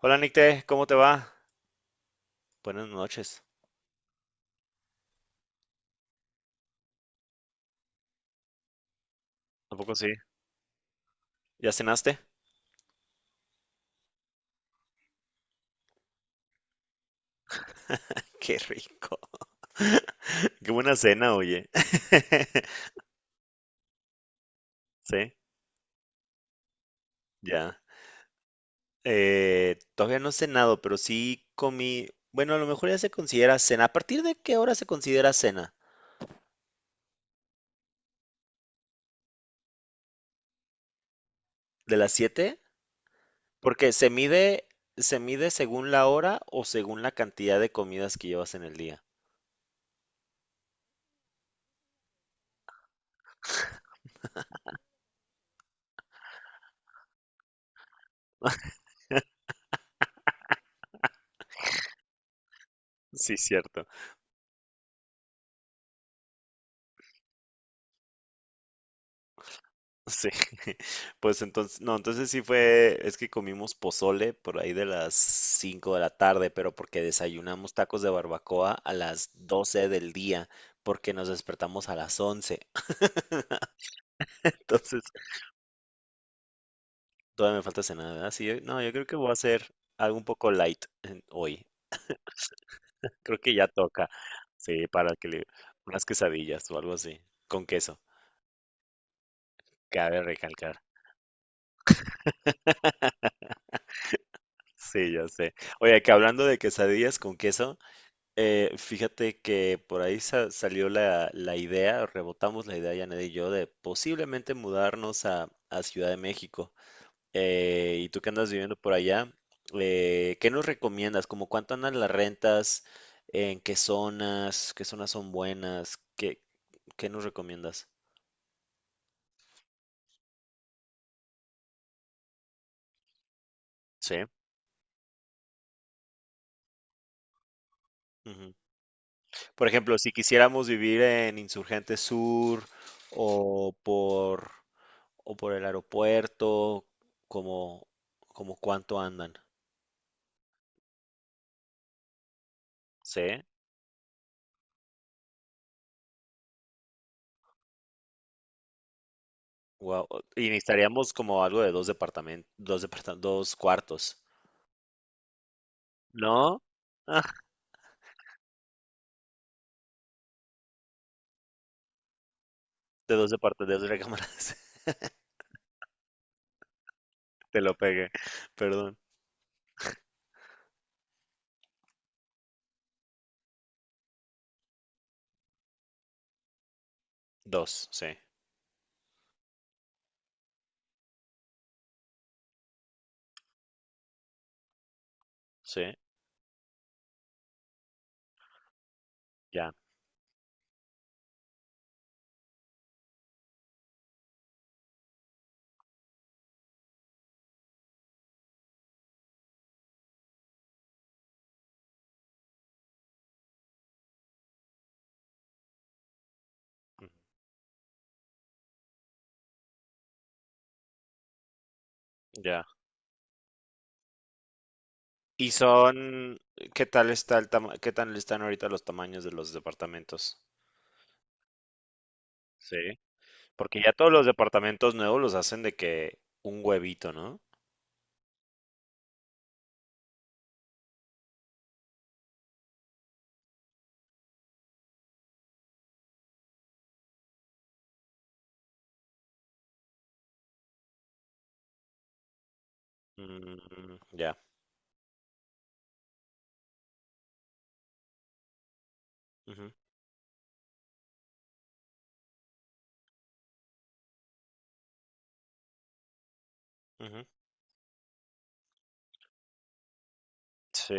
Hola Nicte, ¿cómo te va? Buenas noches. ¿A poco sí? ¿Ya cenaste? Qué rico. Qué buena cena, oye. Sí, ya. Todavía no he cenado, pero sí comí. Bueno, a lo mejor ya se considera cena. ¿A partir de qué hora se considera cena? ¿De las siete? Porque se mide según la hora o según la cantidad de comidas que llevas en el día. Sí, cierto. Sí, pues entonces, no, entonces sí fue, es que comimos pozole por ahí de las 5 de la tarde, pero porque desayunamos tacos de barbacoa a las 12 del día, porque nos despertamos a las once. Entonces, todavía me falta cenar, ¿verdad? Sí, no, yo creo que voy a hacer algo un poco light hoy. Creo que ya toca, sí, unas quesadillas o algo así, con queso, cabe recalcar. Sí, ya sé. Oye, que hablando de quesadillas con queso. Fíjate que por ahí salió la idea, rebotamos la idea, Janet y yo, de posiblemente mudarnos a Ciudad de México. Y tú que andas viviendo por allá, ¿qué nos recomiendas? ¿Cómo cuánto andan las rentas? ¿En qué zonas? ¿Qué zonas son buenas? ¿Qué nos recomiendas? Sí. Ujú. Por ejemplo, si quisiéramos vivir en Insurgente Sur o por, o por el aeropuerto, como, como cuánto andan. Sí, wow. Y necesitaríamos como algo de dos departamentos, dos cuartos. ¿No? Ah, de dos departamentos, de dos recámaras. Te lo pegué. Perdón. Dos, sí, sí, ya, ujú, ya. ¿Y son, qué tal está qué tal están ahorita los tamaños de los departamentos? Sí. Porque ya todos los departamentos nuevos los hacen de que un huevito, ¿no? Mm, ya. Ujú, ujú. Sí.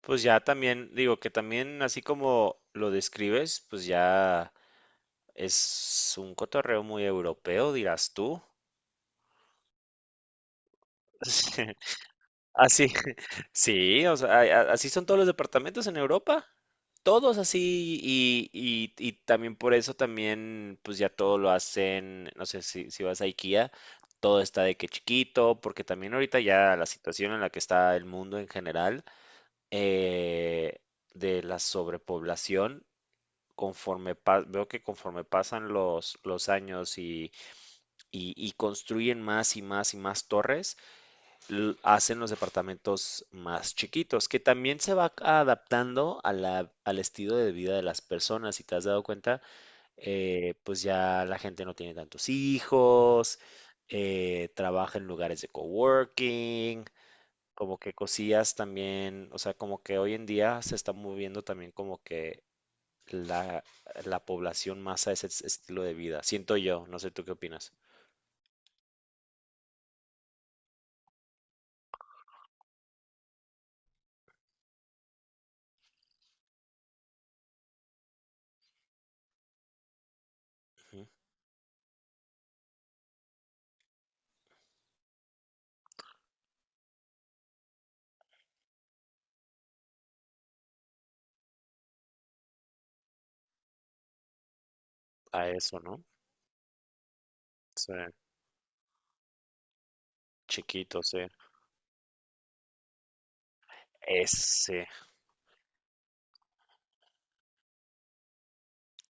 Pues ya también, digo que también así como lo describes, pues ya es un cotorreo muy europeo, dirás tú. Así, sí, o sea, así son todos los departamentos en Europa, todos así y también por eso también, pues ya todo lo hacen, no sé si, si vas a IKEA, todo está de que chiquito, porque también ahorita ya la situación en la que está el mundo en general, eh, de la sobrepoblación. Veo que conforme pasan los años y construyen más y más y más torres, hacen los departamentos más chiquitos, que también se va adaptando a al estilo de vida de las personas. Si te has dado cuenta, pues ya la gente no tiene tantos hijos, trabaja en lugares de coworking. Como que cosillas también, o sea, como que hoy en día se está moviendo también como que la, la población masa es ese estilo de vida. Siento yo, no sé tú qué opinas. Ujú. A eso, ¿no? Sí, chiquito, sí. Ese.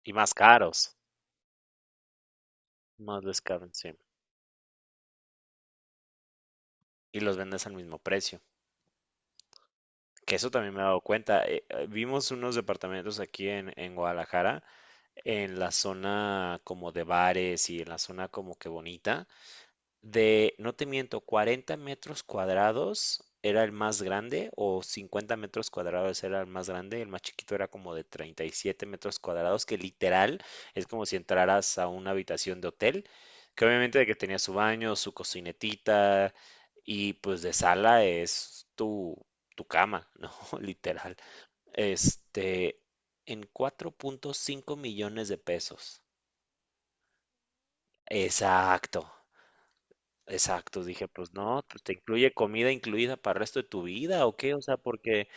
Y más caros. Más les caben, sí. Y los vendes al mismo precio. Que eso también me he dado cuenta. Vimos unos departamentos aquí en Guadalajara, en la zona como de bares y en la zona como que bonita. De, no te miento, 40 metros cuadrados era el más grande o 50 metros cuadrados era el más grande, el más chiquito era como de 37 metros cuadrados, que literal es como si entraras a una habitación de hotel, que obviamente de que tenía su baño, su cocinetita y pues de sala es tu, tu cama, ¿no? Literal. Este, en 4.5 millones de pesos. Exacto. Exacto, dije, pues no, pues, te incluye comida incluida para el resto de tu vida, ¿o qué? O sea, porque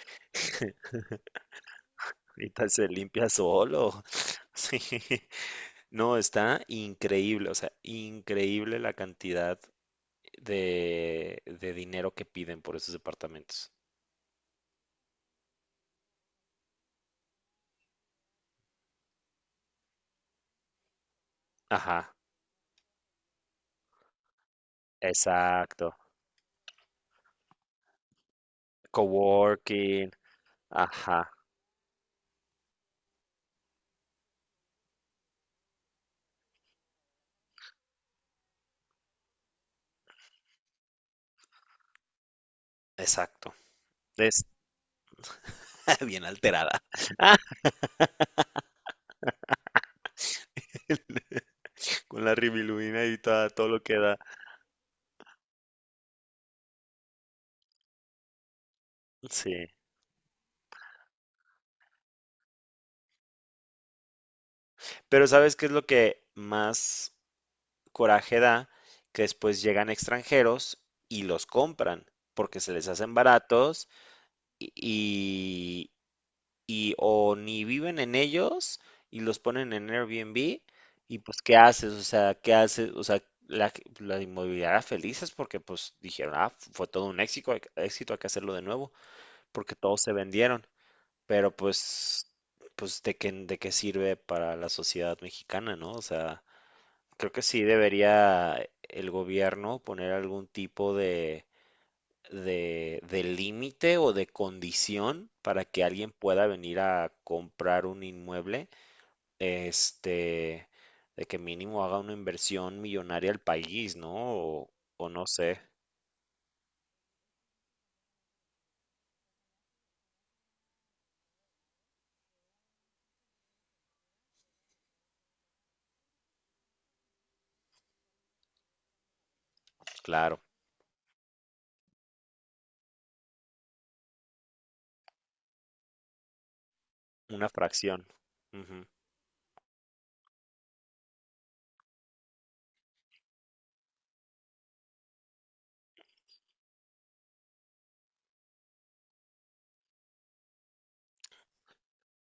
ahorita se limpia solo. Sí, no, está increíble, o sea, increíble la cantidad de dinero que piden por esos departamentos. Ajá, exacto. Coworking, ajá, exacto. Es bien alterada, con la ribilubina y todo lo que da. Sí. Pero ¿sabes qué es lo que más coraje da que después llegan extranjeros y los compran porque se les hacen baratos y, y y o ni viven en ellos y los ponen en Airbnb y pues ¿qué haces? O sea, ¿qué haces? O sea, la, la inmobiliaria felices porque pues dijeron, ah, fue todo un éxito, éxito, hay que hacerlo de nuevo porque todos se vendieron, pero pues, pues ¿de qué sirve para la sociedad mexicana, ¿no? O sea... Creo que sí debería el gobierno poner algún tipo de límite o de condición para que alguien pueda venir a comprar un inmueble, este, de que mínimo haga una inversión millonaria al país, ¿no? O no sé, claro, una fracción. Ujú.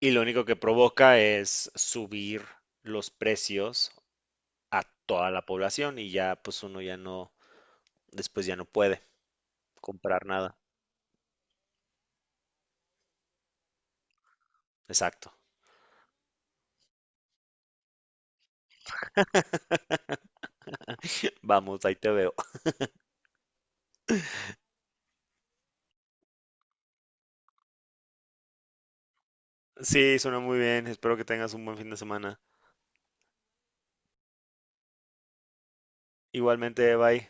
Y lo único que provoca es subir los precios a toda la población y ya pues uno ya no, después ya no puede comprar nada. Exacto. Vamos, ahí te veo. Sí, suena muy bien. Espero que tengas un buen fin de semana. Igualmente, bye.